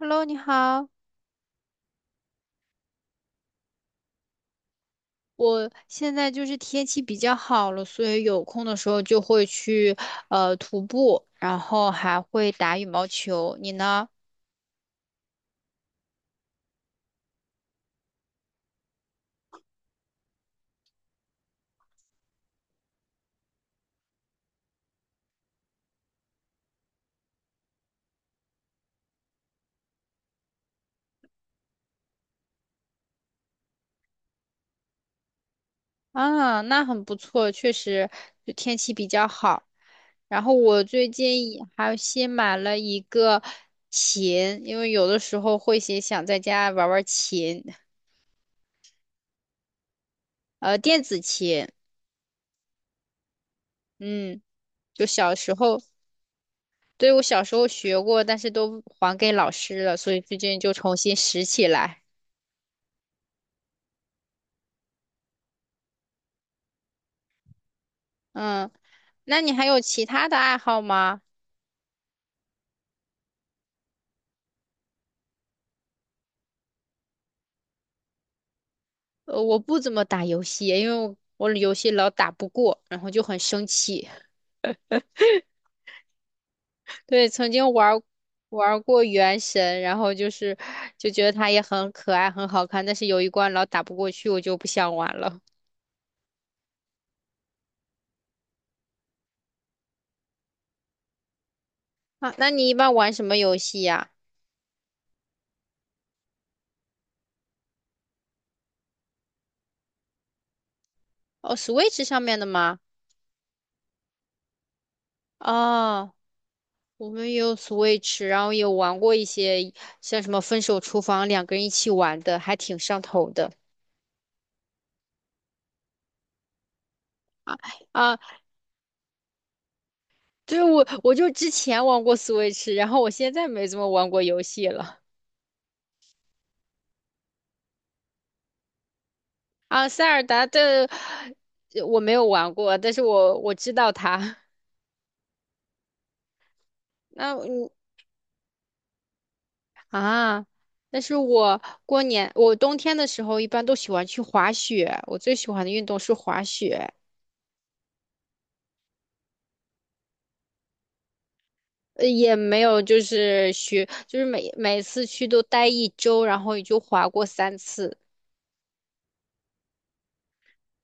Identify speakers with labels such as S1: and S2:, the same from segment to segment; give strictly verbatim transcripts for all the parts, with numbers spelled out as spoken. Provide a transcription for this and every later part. S1: Hello，你好。我现在就是天气比较好了，所以有空的时候就会去呃徒步，然后还会打羽毛球。你呢？啊，那很不错，确实就天气比较好。然后我最近也还新买了一个琴，因为有的时候会写想在家玩玩琴，呃，电子琴。嗯，就小时候。对，我小时候学过，但是都还给老师了，所以最近就重新拾起来。嗯，那你还有其他的爱好吗？呃，我不怎么打游戏，因为我我游戏老打不过，然后就很生气。对，曾经玩儿玩儿过《原神》，然后就是就觉得它也很可爱、很好看，但是有一关老打不过去，我就不想玩了。啊，那你一般玩什么游戏呀？哦，Switch 上面的吗？哦。我们也有 Switch，然后也玩过一些像什么《分手厨房》，两个人一起玩的，还挺上头的啊。对，我我就之前玩过 Switch，然后我现在没怎么玩过游戏了啊。塞尔达的呃我没有玩过，但是我我知道它。那嗯啊，但是我过年我冬天的时候一般都喜欢去滑雪，我最喜欢的运动是滑雪。呃，也没有，就是学，就是每每次去都待一周，然后也就滑过三次。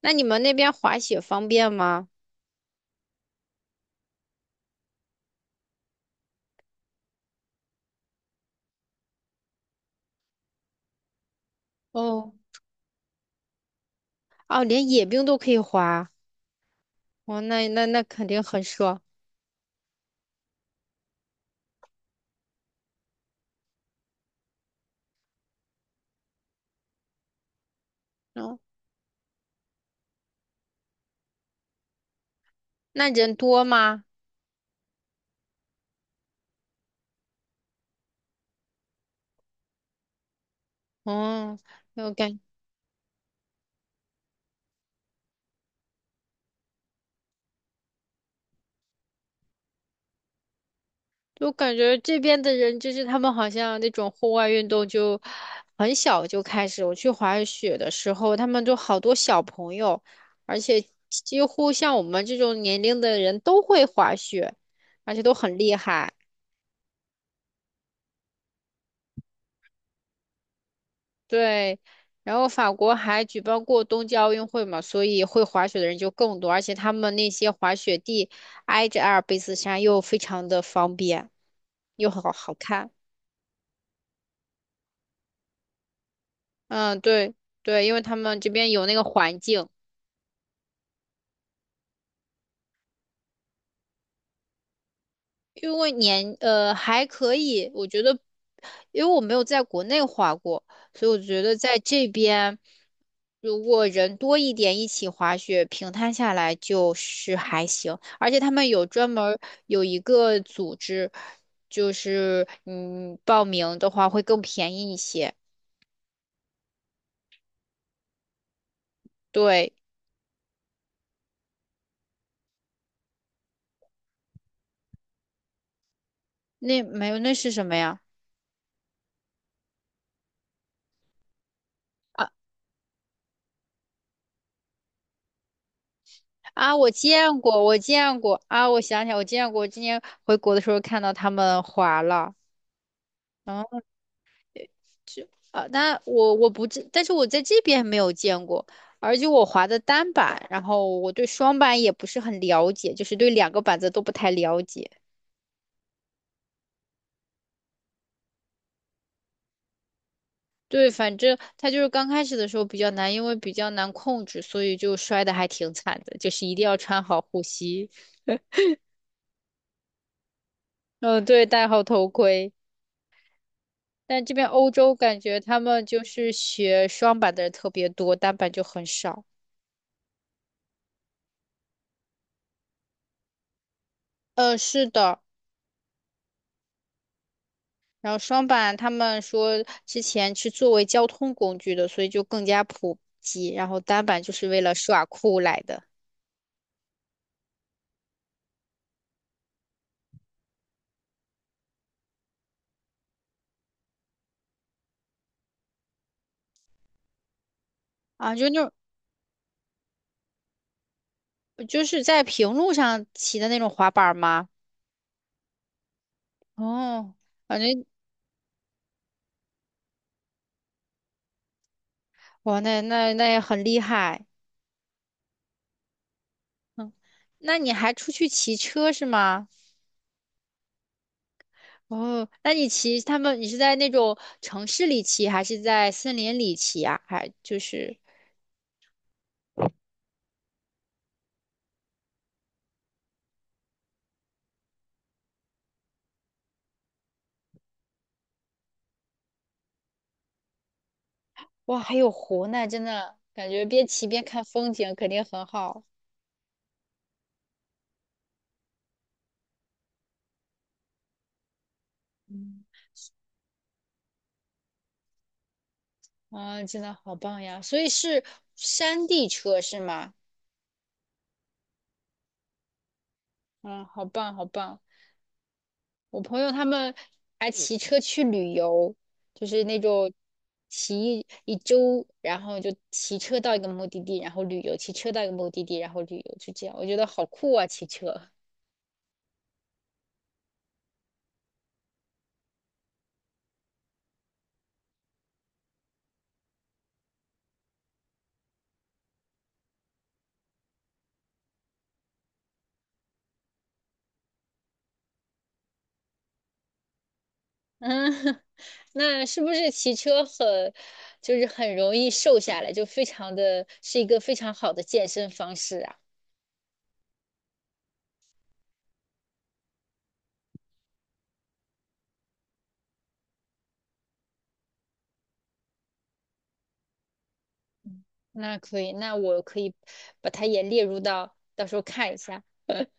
S1: 那你们那边滑雪方便吗？哦，哦，连野冰都可以滑，哦，那那那肯定很爽。嗯，那人多吗？嗯，我感就感觉这边的人，就是他们好像那种户外运动就很小就开始。我去滑雪的时候，他们就好多小朋友，而且几乎像我们这种年龄的人都会滑雪，而且都很厉害。对，然后法国还举办过冬季奥运会嘛，所以会滑雪的人就更多，而且他们那些滑雪地挨着阿尔卑斯山，又非常的方便，又好好看。嗯，对对，因为他们这边有那个环境。因为年呃还可以，我觉得，因为我没有在国内滑过，所以我觉得在这边，如果人多一点一起滑雪，平摊下来就是还行。而且他们有专门儿有一个组织，就是嗯报名的话会更便宜一些。对，那没有那是什么呀？啊，我见过，我见过啊，我想起来，我见过，今年回国的时候看到他们滑了。嗯。啊，那我我不知，但是我在这边没有见过，而且我滑的单板，然后我对双板也不是很了解，就是对两个板子都不太了解。对，反正他就是刚开始的时候比较难，因为比较难控制，所以就摔的还挺惨的，就是一定要穿好护膝，嗯，对，戴好头盔。但这边欧洲感觉他们就是学双板的人特别多，单板就很少。嗯，是的，然后双板他们说之前是作为交通工具的，所以就更加普及。然后单板就是为了耍酷来的啊，就那种就是在平路上骑的那种滑板吗？哦，反正哇，那那那也很厉害。嗯，那你还出去骑车是吗？哦，那你骑他们，你是在那种城市里骑，还是在森林里骑啊？还就是哇，还有湖呢，真的感觉边骑边看风景肯定很好。嗯啊，真的好棒呀！所以是山地车是吗？嗯，好棒，好棒！我朋友他们还骑车去旅游，就是那种骑一一周，然后就骑车到一个目的地，然后旅游，骑车到一个目的地，然后旅游，就这样。我觉得好酷啊，骑车。嗯，那是不是骑车很，就是很容易瘦下来，就非常的是一个非常好的健身方式啊？那可以，那我可以把它也列入到，到时候看一下。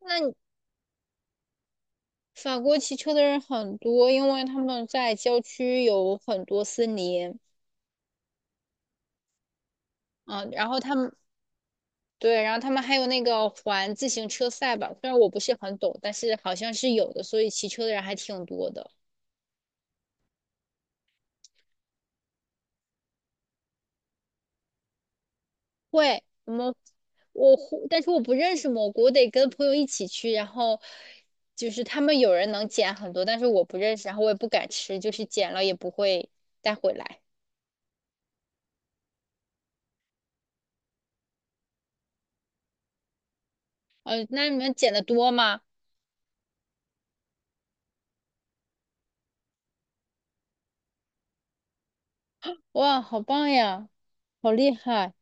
S1: 那你法国骑车的人很多，因为他们在郊区有很多森林，嗯，然后他们对，然后他们还有那个环自行车赛吧，虽然我不是很懂，但是好像是有的，所以骑车的人还挺多的。会，我们我会但是我不认识蘑菇，我得跟朋友一起去，然后就是他们有人能捡很多，但是我不认识，然后我也不敢吃，就是捡了也不会带回来。呃，那你们捡的多吗？哇，好棒呀，好厉害！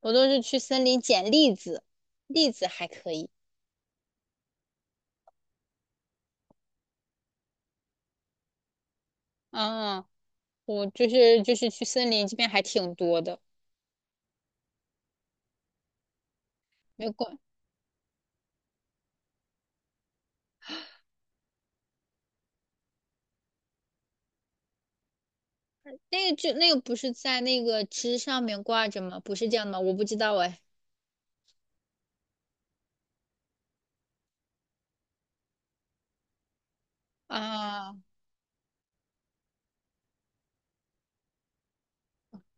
S1: 我都是去森林捡栗子，栗子还可以。啊，我就是就是去森林这边还挺多的，没有挂那个就那个不是在那个枝上面挂着吗？不是这样的吗？我不知道哎。啊。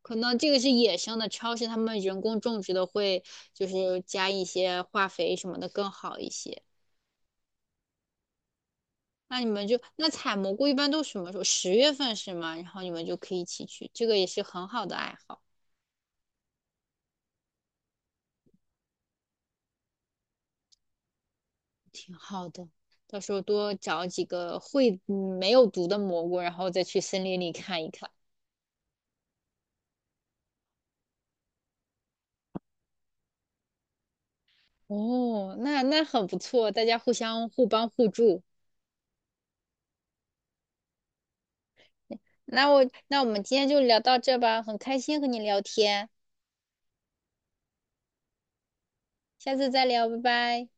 S1: 可能这个是野生的，超市他们人工种植的会就是加一些化肥什么的更好一些。那你们就那采蘑菇一般都什么时候？十月份是吗？然后你们就可以一起去，这个也是很好的爱好，挺好的。到时候多找几个会嗯没有毒的蘑菇，然后再去森林里看一看。哦，那那很不错，大家互相互帮互助。那我那我们今天就聊到这吧，很开心和你聊天，下次再聊，拜拜。